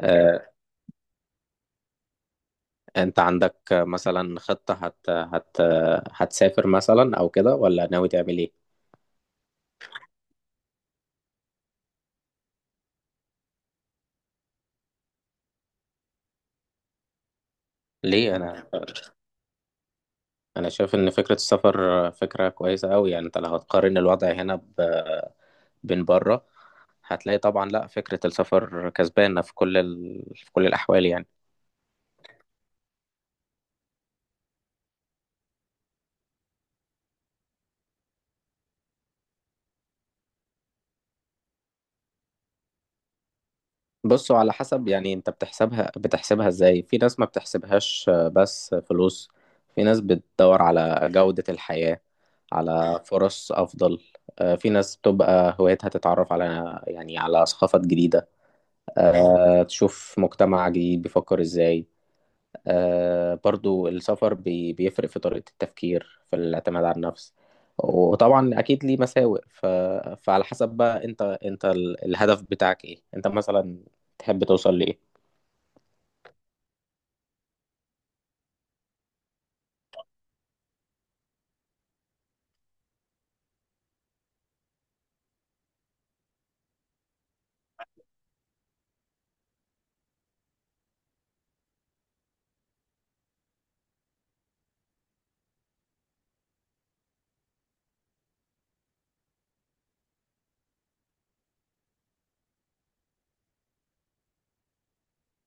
آه، انت عندك مثلا خطة هت هت هتسافر مثلا او كده، ولا ناوي تعمل ايه؟ ليه؟ انا شايف ان فكرة السفر فكرة كويسة قوي، يعني انت لو هتقارن الوضع هنا بين بره، هتلاقي طبعا لا، فكرة السفر كسبانة في كل الاحوال يعني. بصوا، على حسب، يعني انت بتحسبها ازاي. في ناس ما بتحسبهاش آه، بس فلوس. في ناس بتدور على جودة الحياة، على فرص افضل. آه، في ناس بتبقى هوايتها تتعرف على، يعني، على ثقافات جديدة. آه، تشوف مجتمع جديد بيفكر ازاي. آه، برضو السفر بيفرق في طريقة التفكير، في الاعتماد على النفس. وطبعا اكيد ليه مساوئ. فعلى حسب بقى، انت الهدف بتاعك ايه؟ انت مثلا تحب توصل لايه؟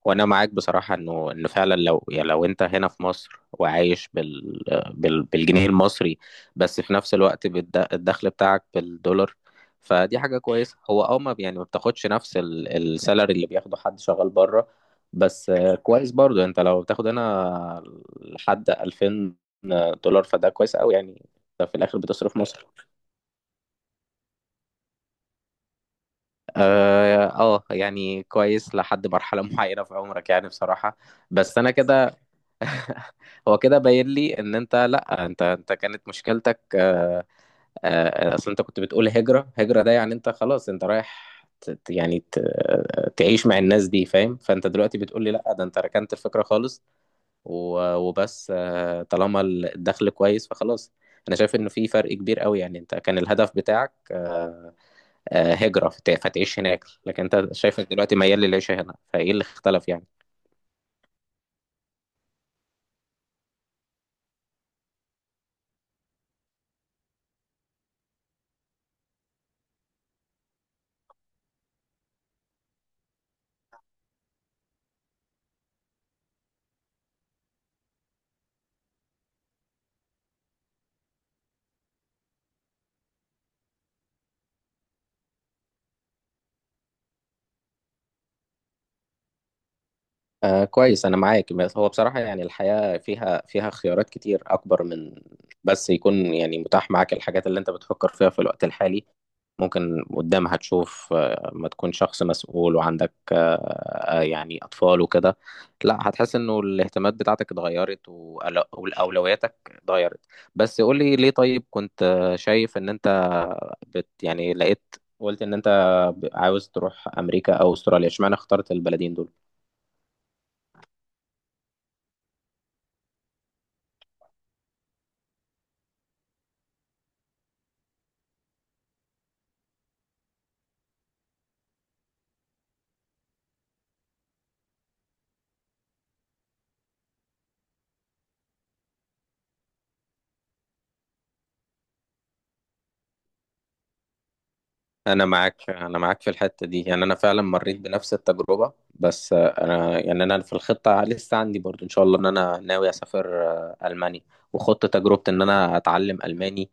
وانا معاك بصراحه، انه فعلا، لو يعني لو انت هنا في مصر وعايش بالجنيه المصري، بس في نفس الوقت الدخل بتاعك بالدولار، فدي حاجه كويسه. هو اه، ما يعني ما بتاخدش نفس السالري اللي بياخده حد شغال بره. بس آه، كويس برضو انت لو بتاخد هنا لحد 2000 دولار، فده كويس قوي يعني. ده في الاخر بتصرف مصر. اه آه، يعني كويس لحد مرحله معينه في عمرك، يعني بصراحه. بس انا كده. هو كده باين لي ان انت، لا، انت كانت مشكلتك آه، آه، اصل انت كنت بتقول هجرة هجرة، ده يعني انت خلاص انت رايح آه، تعيش مع الناس دي، فاهم؟ فانت دلوقتي بتقول لي لا، ده انت ركنت الفكرة خالص. وبس آه، طالما الدخل كويس فخلاص. انا شايف انه في فرق كبير قوي. يعني انت كان الهدف بتاعك آه، آه، هجرة فتعيش هناك، لكن انت شايفك دلوقتي ميال للعيشة هنا، فايه اللي اختلف يعني؟ آه، كويس، أنا معاك. بس هو بصراحة يعني الحياة فيها اختيارات كتير أكبر من، بس يكون يعني متاح معاك الحاجات اللي أنت بتفكر فيها في الوقت الحالي. ممكن قدامها تشوف آه، ما تكون شخص مسؤول وعندك آه، آه، يعني أطفال وكده. لا، هتحس إنه الاهتمامات بتاعتك اتغيرت، وأولوياتك اتغيرت. بس قولي ليه، طيب كنت آه، شايف إن أنت يعني لقيت، قلت إن أنت عاوز تروح أمريكا أو أستراليا، اشمعنى اخترت البلدين دول؟ انا معاك في الحته دي، يعني انا فعلا مريت بنفس التجربه. بس آه، انا يعني انا في الخطه لسه عندي برضو ان شاء الله، ان انا ناوي اسافر آه، المانيا. وخدت تجربه ان انا اتعلم الماني.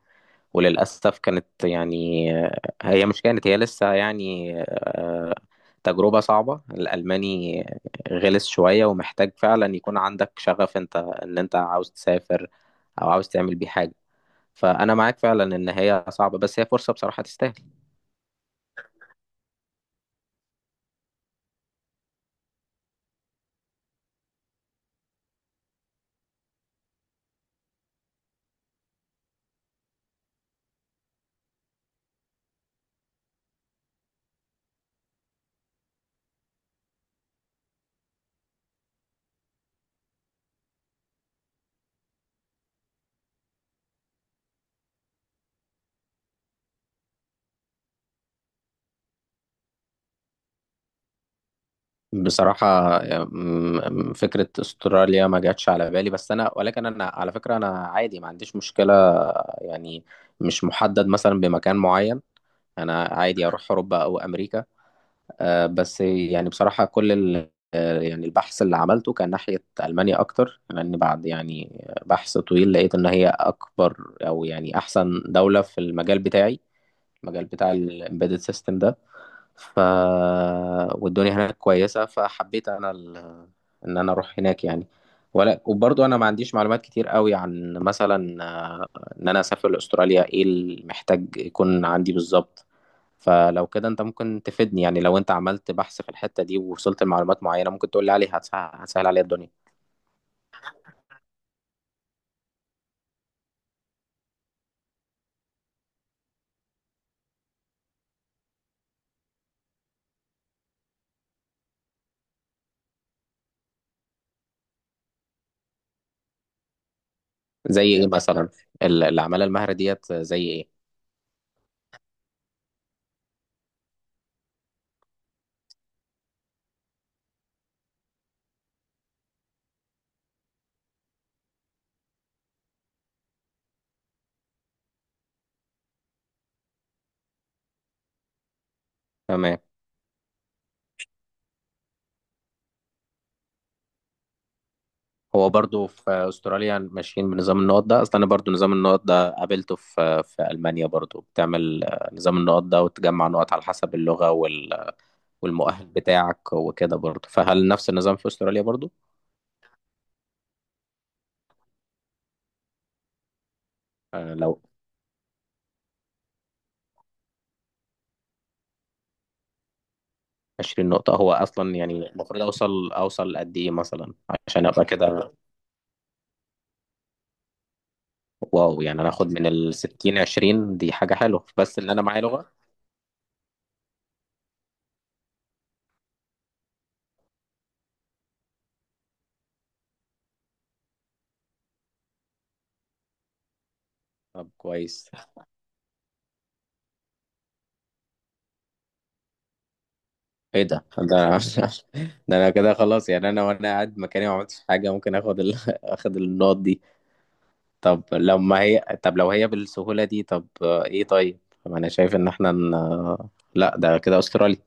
وللاسف كانت يعني آه، هي مش كانت هي لسه يعني آه، تجربه صعبه. الالماني غلس شويه، ومحتاج فعلا يكون عندك شغف، انت ان انت عاوز تسافر او عاوز تعمل بيه حاجه. فانا معاك فعلا ان هي صعبه، بس هي فرصه بصراحه تستاهل. بصراحة، فكرة استراليا ما جاتش على بالي. بس أنا ولكن أنا على فكرة أنا عادي، ما عنديش مشكلة يعني، مش محدد مثلا بمكان معين. أنا عادي أروح أوروبا أو أمريكا. آه، بس يعني بصراحة كل ال آه، يعني البحث اللي عملته كان ناحية ألمانيا أكتر، لأن بعد يعني بحث طويل لقيت إن هي أكبر، أو يعني أحسن دولة في المجال بتاعي. المجال بتاع الإمبيدد سيستم ده. ف والدنيا هناك كويسة، فحبيت أنا ان انا اروح هناك يعني. ولا وبرضه انا ما عنديش معلومات كتير قوي عن مثلا آه، ان انا اسافر لاستراليا. ايه اللي محتاج يكون عندي بالظبط؟ فلو كده انت ممكن تفيدني، يعني لو انت عملت بحث في الحتة دي ووصلت لمعلومات معينة ممكن تقول لي عليها، هتسهل عليا الدنيا. زي ايه مثلا؟ العمالة المهرة ديت زي ايه؟ تمام. هو برضه في استراليا ماشيين بنظام النقط ده اصلا. انا برضه نظام النقط ده قابلته في المانيا برضه، بتعمل آه، نظام النقط ده وتجمع نقط على حسب اللغة والمؤهل بتاعك وكده برضه. فهل نفس النظام في استراليا برضه؟ آه، لو 20 نقطة. هو أصلا يعني المفروض أوصل، قد إيه مثلا عشان أبقى كده؟ واو، يعني أنا آخد من ال 60، 20 دي حاجة حلوة بس إن أنا معايا لغة. طب كويس. إيه ده ده أنا كده خلاص يعني، أنا وأنا قاعد مكاني ما عملتش حاجة، ممكن آخد آخد النقط دي. طب لما هي، طب لو هي بالسهولة دي، طب آه، إيه طيب؟ طب أنا شايف إن إحنا لا، ده كده أستراليا.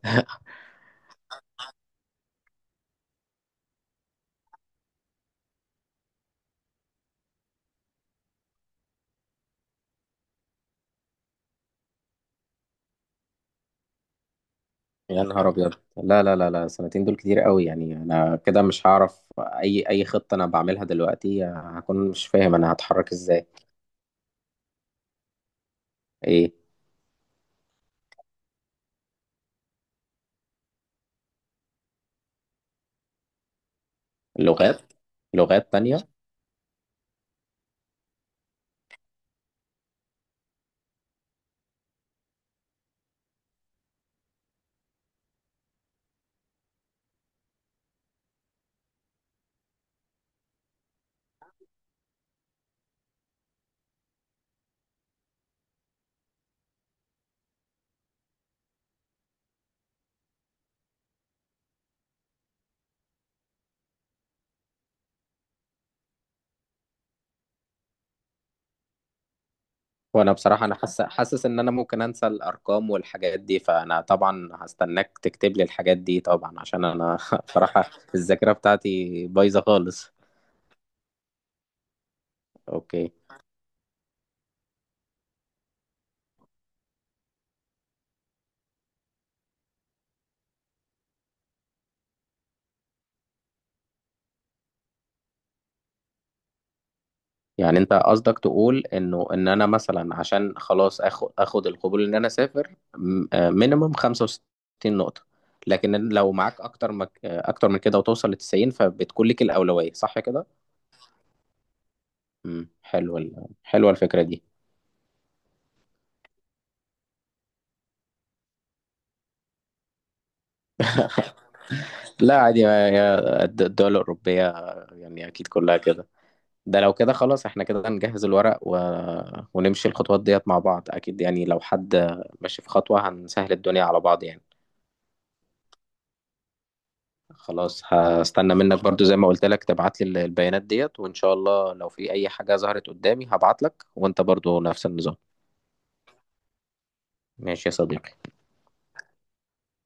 يا نهار ابيض، لا لا لا لا، سنتين دول كتير قوي يعني. انا كده مش هعرف اي خطه انا بعملها دلوقتي، هكون مش فاهم انا هتحرك ازاي. ايه؟ لغات. لغات تانية. وانا بصراحه انا حاسس ان انا ممكن انسى الارقام والحاجات دي، فانا طبعا هستناك تكتب لي الحاجات دي، طبعا عشان انا بصراحه الذاكره بتاعتي بايظه خالص. اوكي، يعني انت قصدك تقول انه ان انا مثلا عشان خلاص اخد القبول ان انا اسافر مينيمم 65 نقطة، لكن لو معاك اكتر مك... آه، اكتر من كده وتوصل ل 90، فبتكون لك الأولوية صح كده؟ امم، حلوه حلوه الفكرة دي. لا، عادي، الدول الأوروبية، يعني اكيد كلها كده. ده لو كده خلاص احنا كده نجهز الورق ونمشي الخطوات ديت مع بعض. اكيد يعني لو حد ماشي في خطوة، هنسهل الدنيا على بعض يعني. خلاص هستنى منك برضو زي ما قلت لك تبعت لي البيانات ديت، وإن شاء الله لو في أي حاجة ظهرت قدامي هبعت لك، وأنت برضو نفس النظام. ماشي يا صديقي.